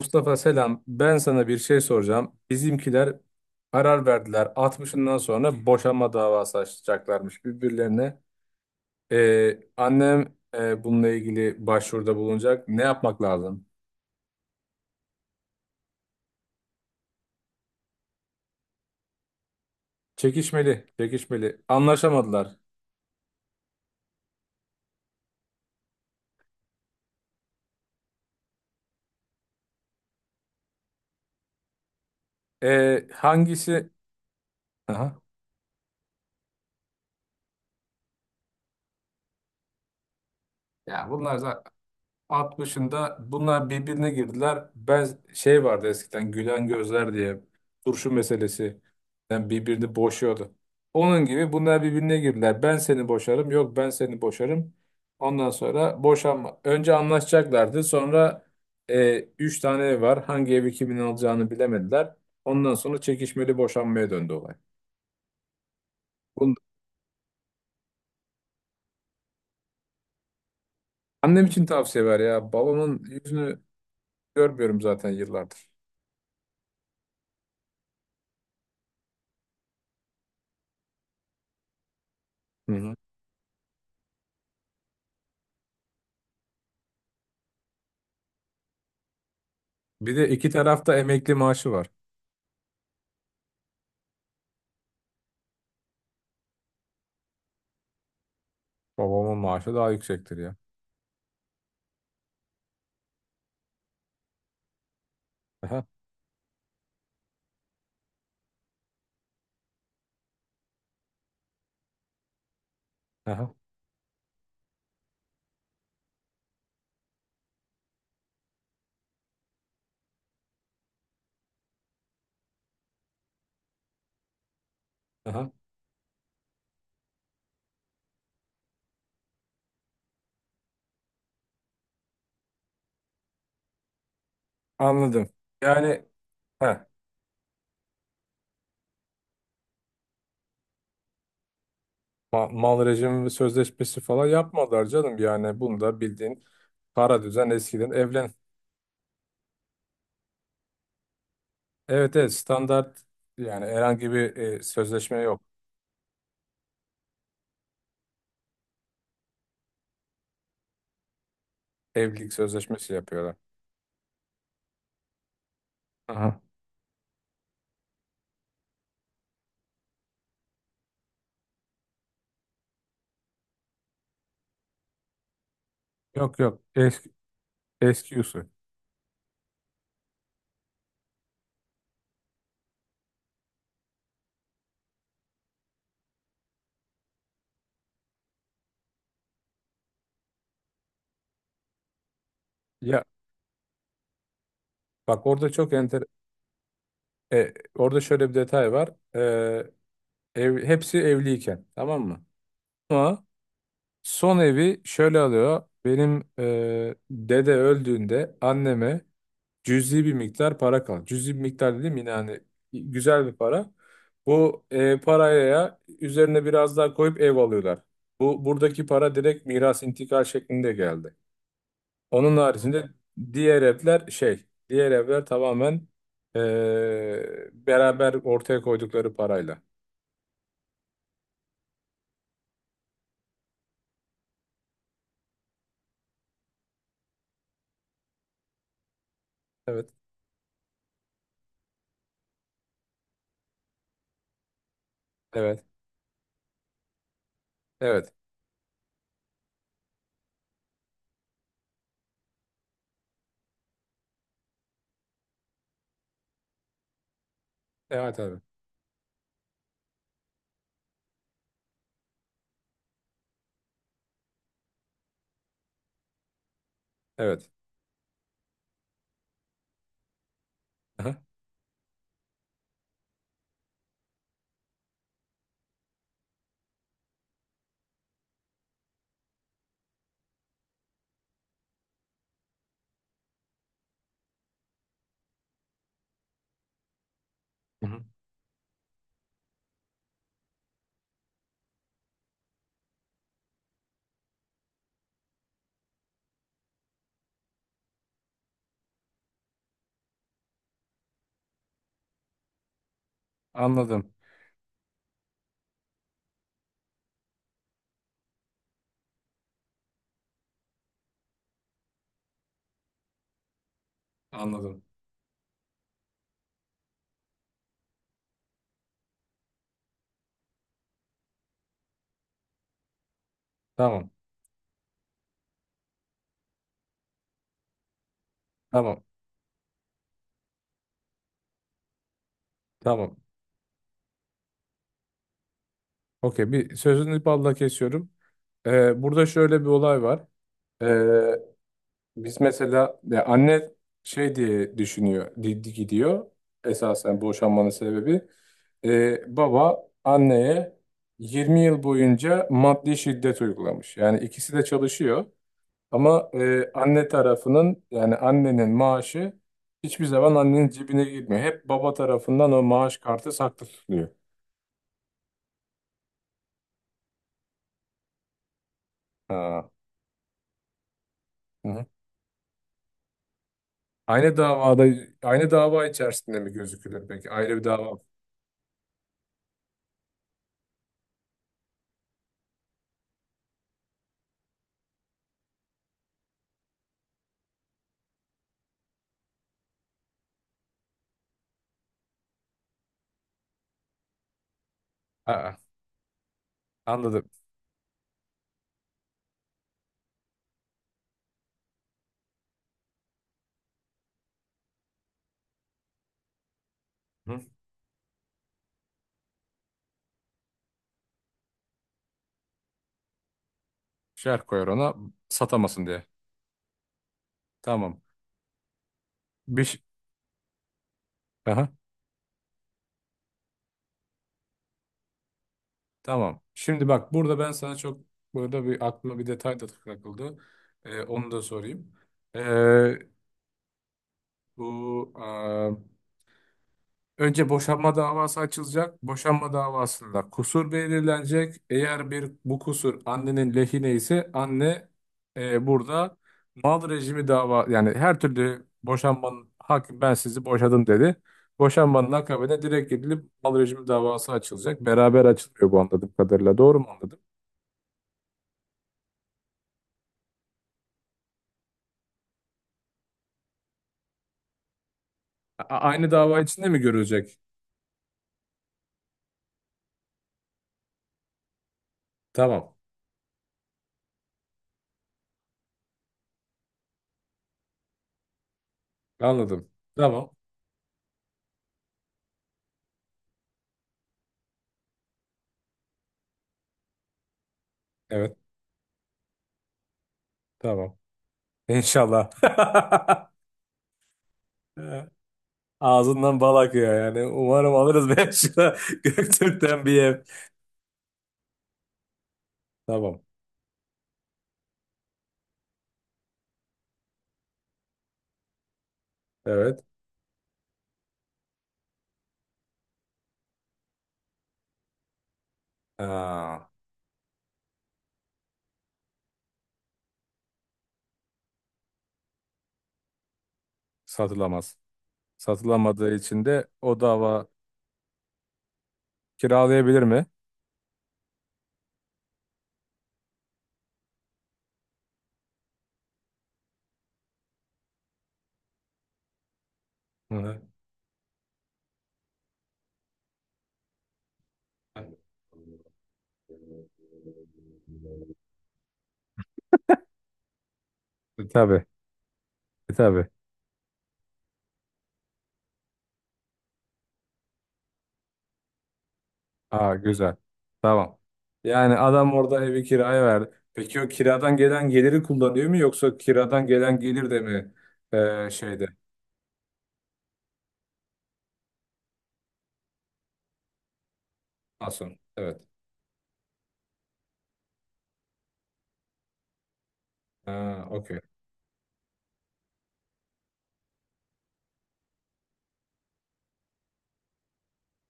Mustafa selam. Ben sana bir şey soracağım. Bizimkiler karar verdiler. 60'ından sonra boşanma davası açacaklarmış birbirlerine. Annem bununla ilgili başvuruda bulunacak. Ne yapmak lazım? Çekişmeli. Anlaşamadılar. Hangisi? Aha. Ya bunlar zaten 60'ında bunlar birbirine girdiler. Ben şey vardı eskiden gülen gözler diye turşu meselesi. Yani birbirini boşuyordu. Onun gibi bunlar birbirine girdiler. Ben seni boşarım. Yok ben seni boşarım. Ondan sonra boşanma. Önce anlaşacaklardı. Sonra üç tane ev var. Hangi evi kimin alacağını bilemediler. Ondan sonra çekişmeli boşanmaya döndü olay. Bunu annem için tavsiye ver ya. Balonun yüzünü görmüyorum zaten yıllardır. Hı hı. Bir de iki tarafta emekli maaşı var. Babamın maaşı daha yüksektir ya. Aha, aha, aha. Anladım. Yani heh, mal rejimi ve sözleşmesi falan yapmadılar canım. Yani bunu da bildiğin para düzen eskiden evlen. Evet, standart yani herhangi bir sözleşme yok. Evlilik sözleşmesi yapıyorlar. Aha. Yok, eski usul. Ya bak orada çok enter orada şöyle bir detay var. E, Ev, hepsi evliyken tamam mı? Ama son evi şöyle alıyor. Benim dede öldüğünde anneme cüzi bir miktar para kaldı. Cüzi bir miktar dedim yine hani güzel bir para. Bu paraya üzerine biraz daha koyup ev alıyorlar. Bu buradaki para direkt miras intikal şeklinde geldi. Onun haricinde diğer evler şey, diğer evler tamamen e, beraber ortaya koydukları parayla. Evet, evet, evet. Evet abi. Evet. Aha. Hı hı. Anladım. Anladım. Tamam. Tamam. Tamam. Okey, bir sözünü balla kesiyorum. Burada şöyle bir olay var. Ee, Biz mesela ya anne şey diye düşünüyor, gidiyor. Esasen boşanmanın sebebi. Baba anneye 20 yıl boyunca maddi şiddet uygulamış. Yani ikisi de çalışıyor. Ama anne tarafının yani annenin maaşı hiçbir zaman annenin cebine girmiyor. Hep baba tarafından o maaş kartı saklı tutuluyor. Ha. Aynı davada Aynı dava içerisinde mi gözükülür peki? Ayrı bir dava mı? Ha, anladım. Hı? Şerh koyar ona satamasın diye. Tamam. Bir ş- Aha, tamam. Şimdi bak burada ben sana çok burada bir aklıma bir detay da takıldı. Onu da sorayım. Ee, bu Önce boşanma davası açılacak. Boşanma davasında kusur belirlenecek. Eğer bir bu kusur annenin lehine ise anne burada mal rejimi dava yani her türlü boşanmanın hakim ben sizi boşadım dedi. Boşanmanın akabine direkt gidilip mal rejimi davası açılacak. Beraber açılıyor bu anladığım kadarıyla. Doğru mu anladım? Aynı dava içinde mi görülecek? Tamam. Anladım. Tamam. Evet. Tamam. İnşallah. Ağzından bal akıyor yani. Umarım alırız ben Beşiktaş'a Göktürk'ten bir ev. Tamam. Evet. Aa, satılamaz. Satılamadığı için de o dava kiralayabilir mi? Hı. E, tabii. E, tabii. Aa, güzel. Tamam. Yani adam orada evi kiraya verdi. Peki o kiradan gelen geliri kullanıyor mu yoksa kiradan gelen gelir de mi şeyde? Asun. Evet. Ha, okey.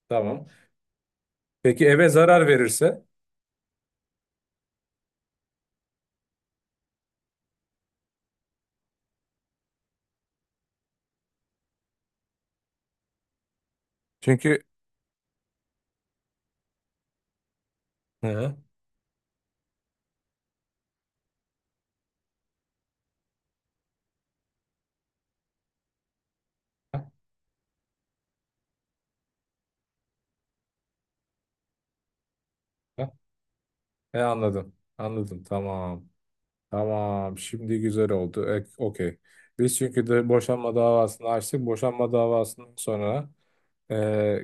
Tamam. Peki eve zarar verirse? Çünkü hı. Heh, he, anladım. Anladım. Tamam. Tamam. Şimdi güzel oldu. Okey. Biz çünkü de boşanma davasını açtık. Boşanma davasından sonra e,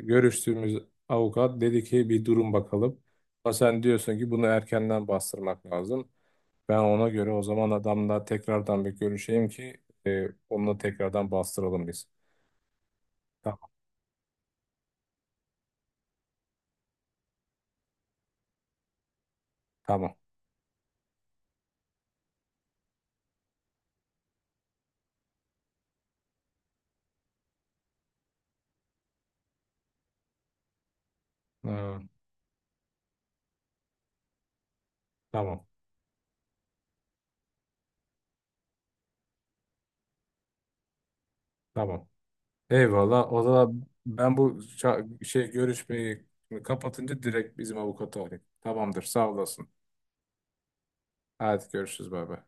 görüştüğümüz avukat dedi ki bir durun bakalım. Ama sen diyorsun ki bunu erkenden bastırmak lazım. Ben ona göre o zaman adamla tekrardan bir görüşeyim ki onunla tekrardan bastıralım biz. Tamam. Tamam. Ee, tamam. Tamam. Eyvallah. O zaman ben bu görüşmeyi kapatınca direkt bizim avukatı arayayım. Tamamdır. Sağ olasın. Hadi görüşürüz. Bay bay.